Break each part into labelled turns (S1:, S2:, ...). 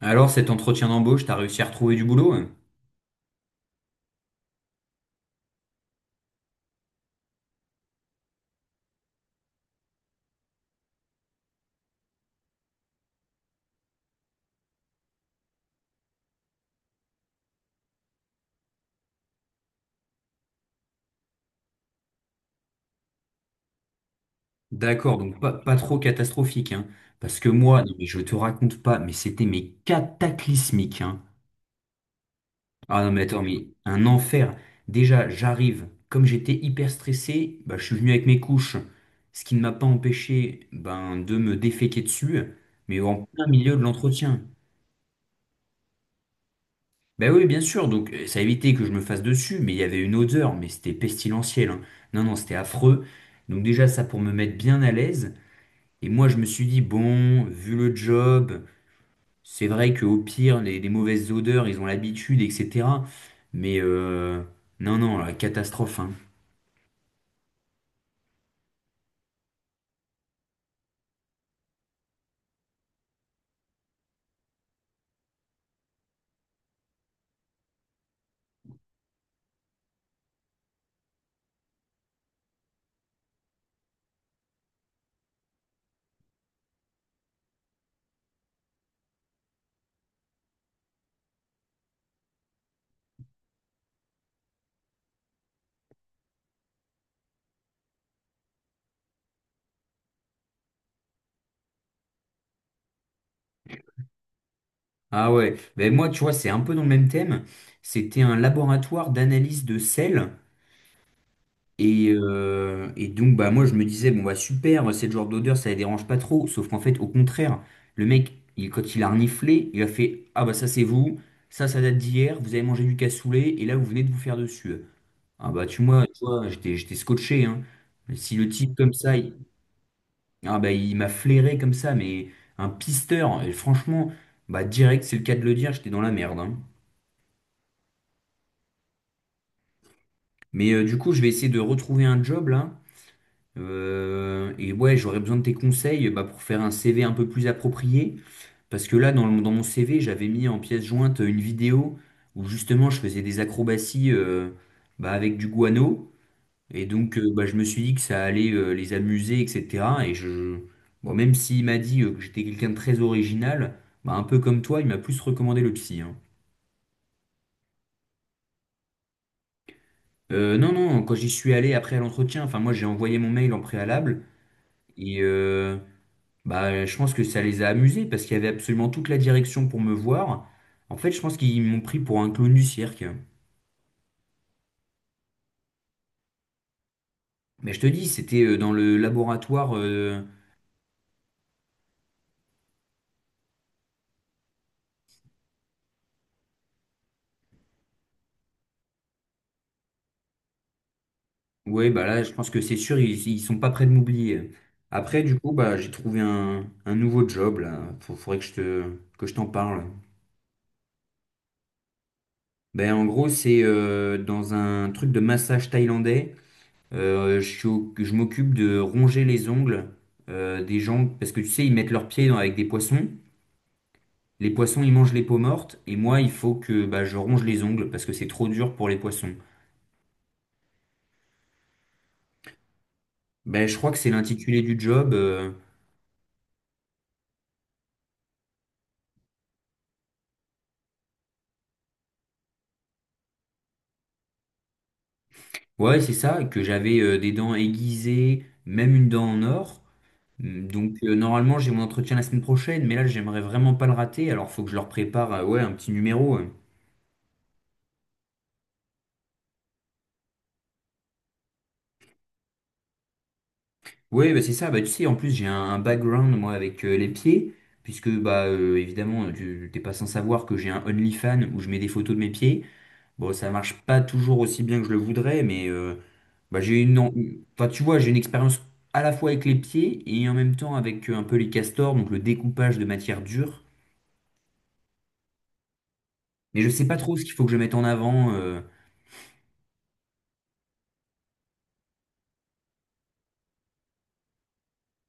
S1: Alors, cet entretien d'embauche, t'as réussi à retrouver du boulot, hein? D'accord, donc pas, pas trop catastrophique, hein. Parce que moi, non, mais je te raconte pas, mais c'était mais cataclysmique, hein. Ah non, mais attends, mais un enfer. Déjà, j'arrive, comme j'étais hyper stressé, bah, je suis venu avec mes couches, ce qui ne m'a pas empêché ben, de me déféquer dessus, mais en plein milieu de l'entretien. Ben oui, bien sûr, donc ça évitait que je me fasse dessus, mais il y avait une odeur, mais c'était pestilentiel, hein. Non, non, c'était affreux. Donc déjà, ça pour me mettre bien à l'aise. Et moi, je me suis dit, bon, vu le job, c'est vrai qu'au pire, les mauvaises odeurs, ils ont l'habitude, etc. Mais non, non, la catastrophe, hein. Ah ouais, ben moi, tu vois, c'est un peu dans le même thème. C'était un laboratoire d'analyse de sel. Et donc, bah, moi, je me disais, bon, bah, super, cette genre d'odeur, ça les dérange pas trop. Sauf qu'en fait, au contraire, le mec, il, quand il a reniflé, il a fait, ah, bah, ça, c'est vous, ça date d'hier, vous avez mangé du cassoulet, et là, vous venez de vous faire dessus. Ah, bah, tu vois, j'étais scotché, hein. Mais si le type, comme ça, il, ah, bah, il m'a flairé comme ça, mais un pisteur, et franchement, bah, direct, c'est le cas de le dire, j'étais dans la merde, hein. Mais du coup, je vais essayer de retrouver un job, là. Et ouais, j'aurais besoin de tes conseils bah, pour faire un CV un peu plus approprié. Parce que là, dans mon CV, j'avais mis en pièce jointe une vidéo où justement je faisais des acrobaties bah, avec du guano. Et donc, bah, je me suis dit que ça allait les amuser, etc. Bon, même s'il m'a dit que j'étais quelqu'un de très original, bah, un peu comme toi, il m'a plus recommandé le psy, hein. Non, non, quand j'y suis allé après à l'entretien, enfin, moi j'ai envoyé mon mail en préalable. Et, bah, je pense que ça les a amusés parce qu'il y avait absolument toute la direction pour me voir. En fait, je pense qu'ils m'ont pris pour un clown du cirque. Mais je te dis, c'était dans le laboratoire. Ouais, bah là, je pense que c'est sûr, ils sont pas prêts de m'oublier. Après, du coup, bah, j'ai trouvé un nouveau job là. Faudrait que je te, que je t'en parle. Ben, en gros, c'est dans un truc de massage thaïlandais. Je m'occupe de ronger les ongles des gens parce que tu sais, ils mettent leurs pieds avec des poissons. Les poissons, ils mangent les peaux mortes, et moi, il faut que bah, je ronge les ongles parce que c'est trop dur pour les poissons. Ben, je crois que c'est l'intitulé du job. Ouais, c'est ça, que j'avais des dents aiguisées, même une dent en or. Mm. Donc, normalement, j'ai mon entretien la semaine prochaine, mais là, j'aimerais vraiment pas le rater, alors faut que je leur prépare ouais, un petit numéro. Ouais, bah, c'est ça, bah, tu sais, en plus, j'ai un background, moi, avec les pieds, puisque, bah, évidemment, tu t'es pas sans savoir que j'ai un OnlyFans où je mets des photos de mes pieds. Bon, ça marche pas toujours aussi bien que je le voudrais, mais bah, j'ai une, en- enfin, tu vois, j'ai une expérience à la fois avec les pieds et en même temps avec un peu les castors, donc le découpage de matière dure. Mais je sais pas trop ce qu'il faut que je mette en avant.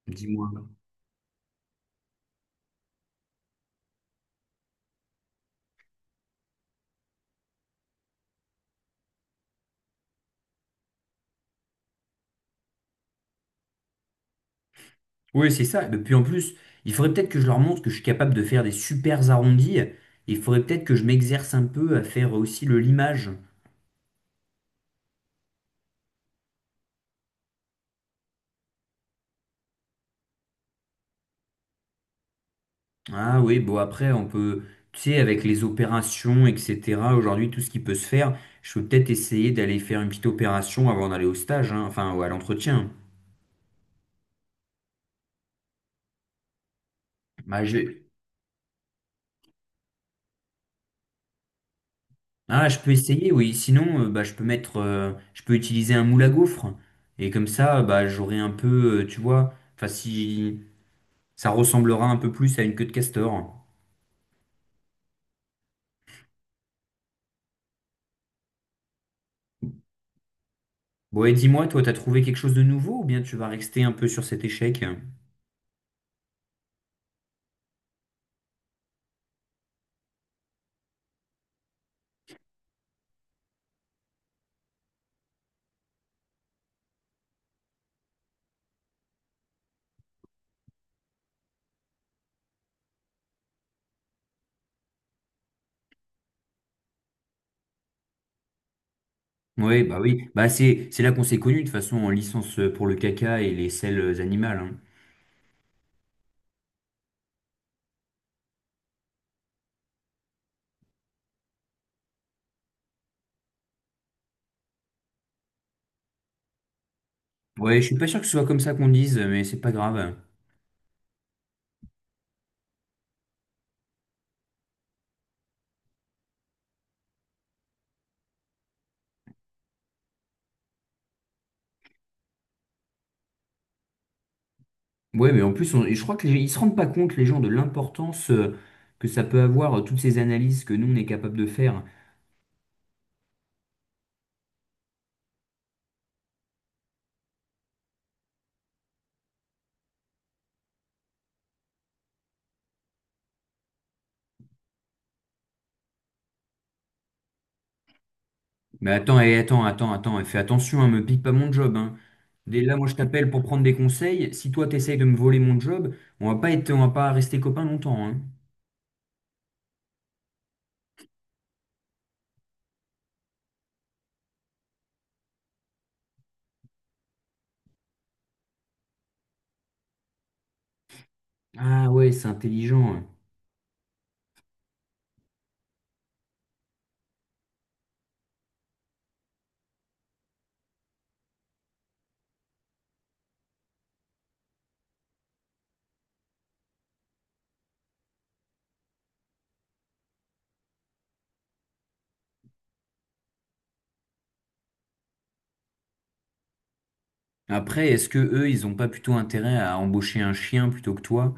S1: Dis-moi. Oui, c'est ça. Et puis en plus, il faudrait peut-être que je leur montre que je suis capable de faire des super arrondis. Il faudrait peut-être que je m'exerce un peu à faire aussi le limage. Ah oui, bon après on peut, tu sais, avec les opérations, etc. Aujourd'hui, tout ce qui peut se faire, je peux peut-être essayer d'aller faire une petite opération avant d'aller au stage, hein, enfin ou à l'entretien. Bah, je... Ah, je peux essayer, oui. Sinon, je peux mettre, je peux utiliser un moule à gaufres. Et comme ça, bah, j'aurai un peu, tu vois, enfin si ça ressemblera un peu plus à une queue de castor. Bon, et dis-moi, toi, t'as trouvé quelque chose de nouveau ou bien tu vas rester un peu sur cet échec? Oui. Bah c'est là qu'on s'est connus de toute façon en licence pour le caca et les selles animales, hein. Ouais, je suis pas sûr que ce soit comme ça qu'on dise, mais c'est pas grave. Ouais, mais en plus, je crois que ils se rendent pas compte les gens de l'importance que ça peut avoir toutes ces analyses que nous on est capable de faire. Mais attends, et attends, attends, attends, et fais attention, hein, me pique pas mon job, hein. Dès là, moi je t'appelle pour prendre des conseils. Si toi t'essayes de me voler mon job, on va pas être, on va pas rester copains longtemps, hein. Ah ouais, c'est intelligent. Après, est-ce que eux, ils ont pas plutôt intérêt à embaucher un chien plutôt que toi?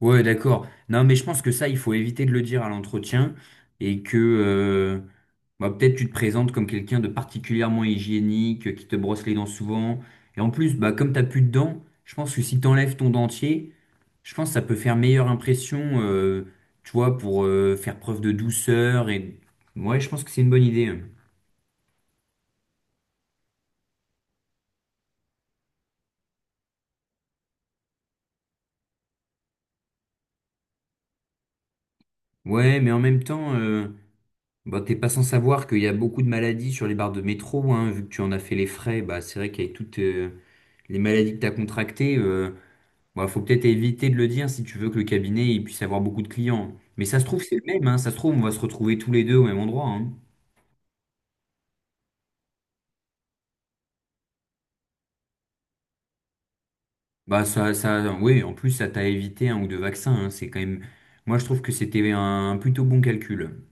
S1: Ouais, d'accord. Non, mais je pense que ça, il faut éviter de le dire à l'entretien et que bah, peut-être tu te présentes comme quelqu'un de particulièrement hygiénique, qui te brosse les dents souvent. Et en plus, bah, comme t'as plus de dents, je pense que si t'enlèves ton dentier, je pense que ça peut faire meilleure impression, tu vois, pour faire preuve de douceur. Et ouais, je pense que c'est une bonne idée, hein. Ouais, mais en même temps, bah t'es pas sans savoir qu'il y a beaucoup de maladies sur les barres de métro, hein, vu que tu en as fait les frais, bah c'est vrai qu'avec toutes les maladies que t'as contractées, bah, faut peut-être éviter de le dire si tu veux que le cabinet il puisse avoir beaucoup de clients. Mais ça se trouve, c'est le même, hein, ça se trouve, on va se retrouver tous les deux au même endroit, hein. Bah ça, ça, oui, en plus, ça t'a évité un ou deux vaccins, hein, c'est quand même. Moi, je trouve que c'était un plutôt bon calcul.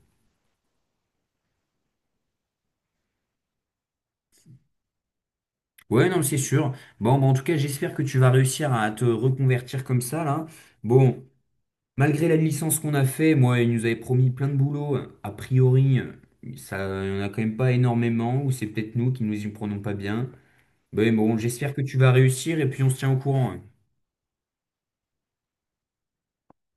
S1: Ouais, non, c'est sûr. Bon, bah, en tout cas, j'espère que tu vas réussir à te reconvertir comme ça, là. Bon, malgré la licence qu'on a fait, moi, ils nous avaient promis plein de boulot. A priori, ça, il y en a quand même pas énormément, ou c'est peut-être nous qui nous y prenons pas bien. Mais bon, j'espère que tu vas réussir et puis on se tient au courant, hein.